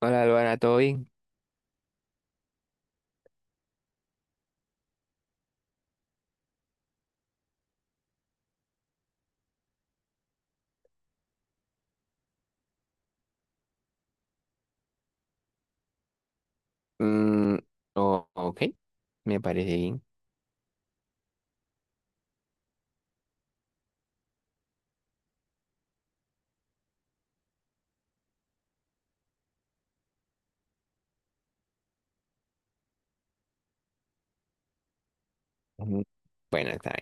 Hola, Luana, ¿todo bien? Mm, ok, me parece bien. Ujú. Bueno, está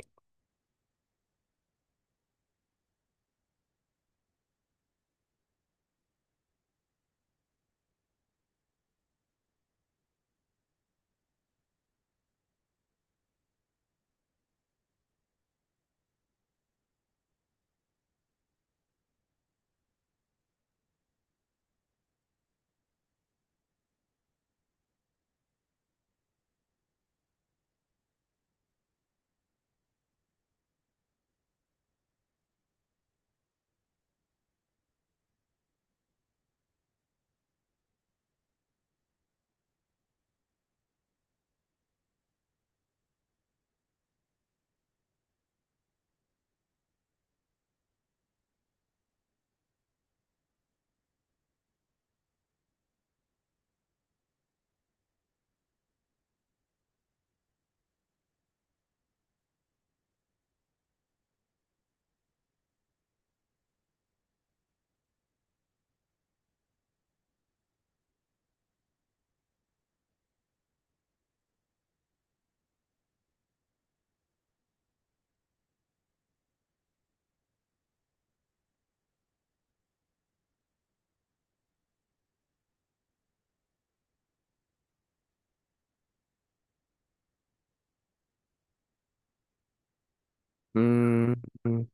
bien. Mm,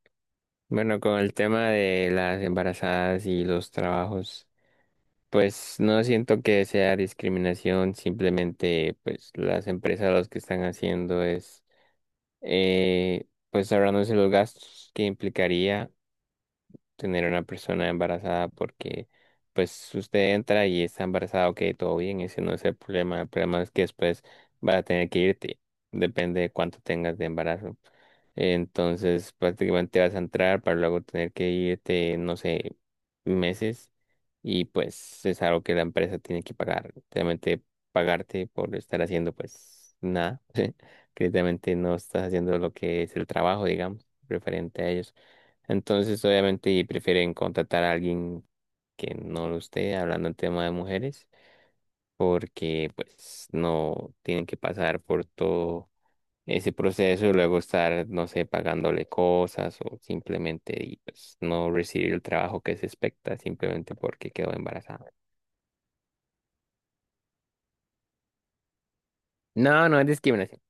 bueno, con el tema de las embarazadas y los trabajos, pues no siento que sea discriminación, simplemente pues las empresas lo que están haciendo es pues ahorrándose los gastos que implicaría, tener una persona embarazada porque pues usted entra y está embarazada, ok, todo bien, ese no es el problema es que después va a tener que irte, depende de cuánto tengas de embarazo. Entonces prácticamente vas a entrar para luego tener que irte, no sé, meses, y pues es algo que la empresa tiene que pagar, realmente pagarte por estar haciendo pues nada, que realmente no estás haciendo lo que es el trabajo, digamos, referente a ellos. Entonces, obviamente, prefieren contratar a alguien que no lo esté hablando en tema de mujeres, porque pues no tienen que pasar por todo ese proceso y luego estar, no sé, pagándole cosas o simplemente y, pues, no recibir el trabajo que se expecta simplemente porque quedó embarazada. No, no es discriminación.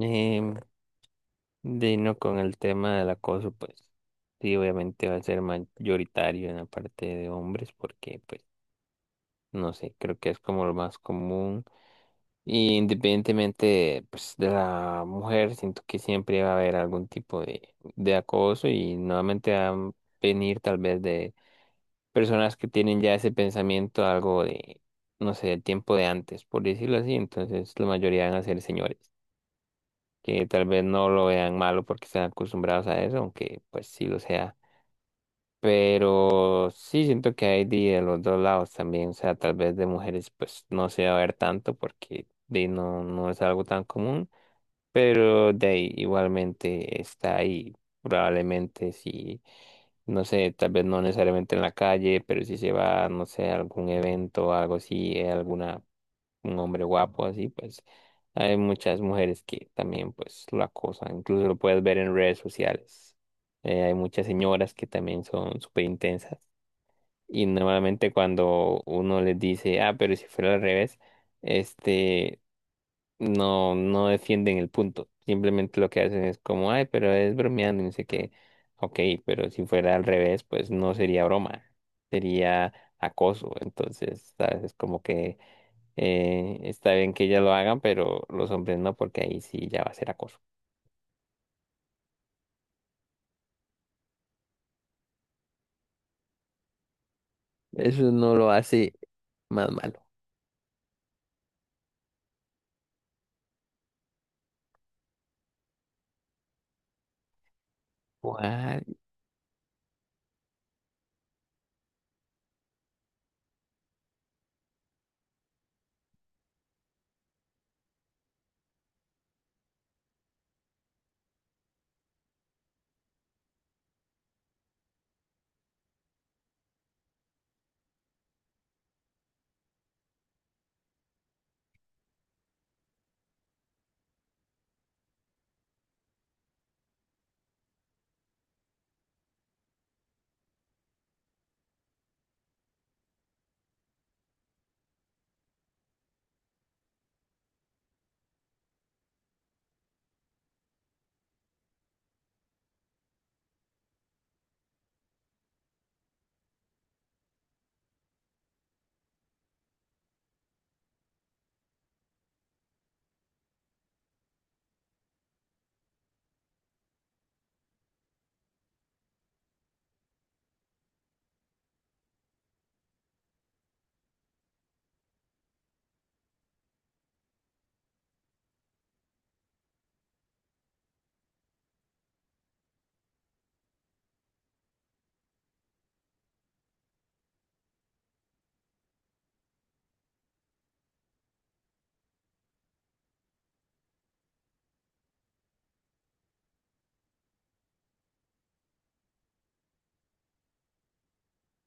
Em, de no con el tema del acoso, pues sí, obviamente va a ser mayoritario en la parte de hombres porque pues no sé, creo que es como lo más común. Y independientemente pues, de la mujer, siento que siempre va a haber algún tipo de acoso y nuevamente van a venir tal vez de personas que tienen ya ese pensamiento algo de, no sé, del tiempo de antes, por decirlo así. Entonces la mayoría van a ser señores, que tal vez no lo vean malo porque están acostumbrados a eso, aunque pues sí lo sea, pero sí siento que hay de, los dos lados también, o sea, tal vez de mujeres pues no se va a ver tanto porque de ahí, no, no es algo tan común, pero de ahí igualmente está ahí, probablemente sí, no sé, tal vez no necesariamente en la calle, pero si se va, no sé, a algún evento o algo así, alguna un hombre guapo así, pues hay muchas mujeres que también pues lo acosan, incluso lo puedes ver en redes sociales. Hay muchas señoras que también son súper intensas y normalmente cuando uno les dice, ah, pero si fuera al revés, este, no, no defienden el punto, simplemente lo que hacen es como, ay, pero es bromeando y no sé qué, ok, pero si fuera al revés, pues no sería broma, sería acoso, entonces, ¿sabes? Es como que está bien que ellas lo hagan, pero los hombres no, porque ahí sí ya va a ser acoso. Eso no lo hace más malo. ¿Cuál?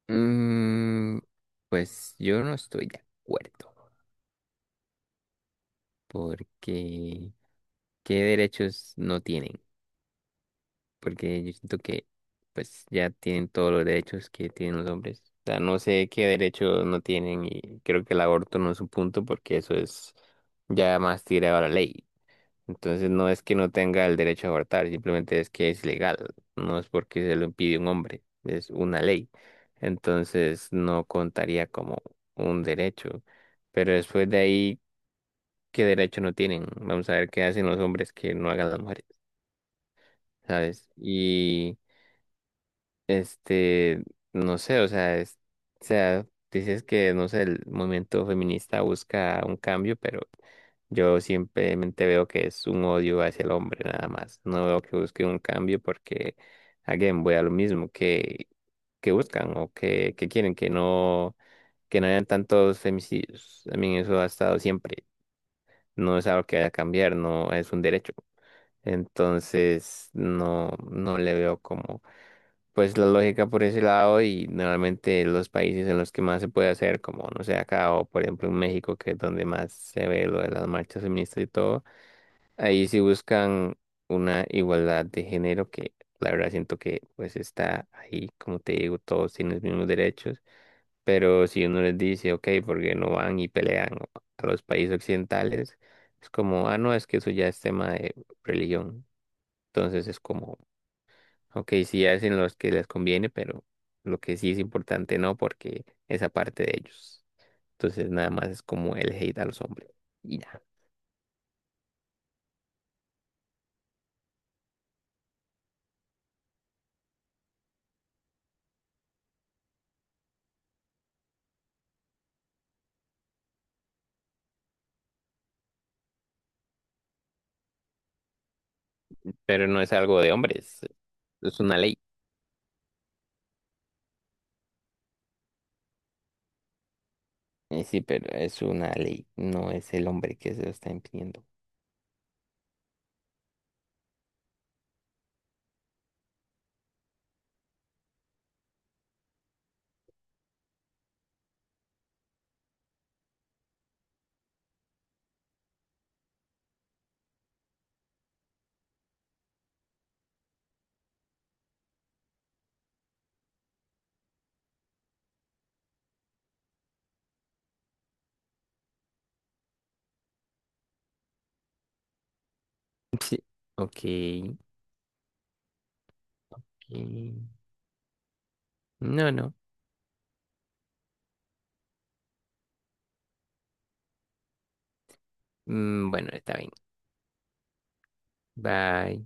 Mm, pues yo no estoy de acuerdo, porque ¿qué derechos no tienen? Porque yo siento que pues ya tienen todos los derechos que tienen los hombres. O sea, no sé qué derechos no tienen y creo que el aborto no es un punto porque eso es ya más tirado a la ley. Entonces no es que no tenga el derecho a abortar, simplemente es que es legal, no es porque se lo impide un hombre, es una ley. Entonces no contaría como un derecho. Pero después de ahí, ¿qué derecho no tienen? Vamos a ver qué hacen los hombres que no hagan las mujeres, ¿sabes? Este, no sé, o sea, es, o sea, dices que, no sé, el movimiento feminista busca un cambio, pero yo simplemente veo que es un odio hacia el hombre nada más. No veo que busque un cambio porque, again, voy a lo mismo que buscan o que quieren, que no hayan tantos femicidios. También eso ha estado siempre. No es algo que vaya a cambiar, no es un derecho. Entonces, no, no le veo como pues la lógica por ese lado y normalmente los países en los que más se puede hacer, como no sé, acá o por ejemplo en México, que es donde más se ve lo de las marchas feministas y todo, ahí sí buscan una igualdad de género que la verdad siento que pues está ahí, como te digo, todos tienen los mismos derechos, pero si uno les dice, ok, ¿porque no van y pelean a los países occidentales? Es como, ah, no, es que eso ya es tema de religión. Entonces es como, ok, sí hacen los que les conviene, pero lo que sí es importante no, porque esa parte de ellos. Entonces nada más es como el hate a los hombres. Y ya. Pero no es algo de hombres, es una ley. Sí, pero es una ley, no es el hombre que se lo está impidiendo. Sí. Ok. Ok. No, no. Bueno, está bien. Bye.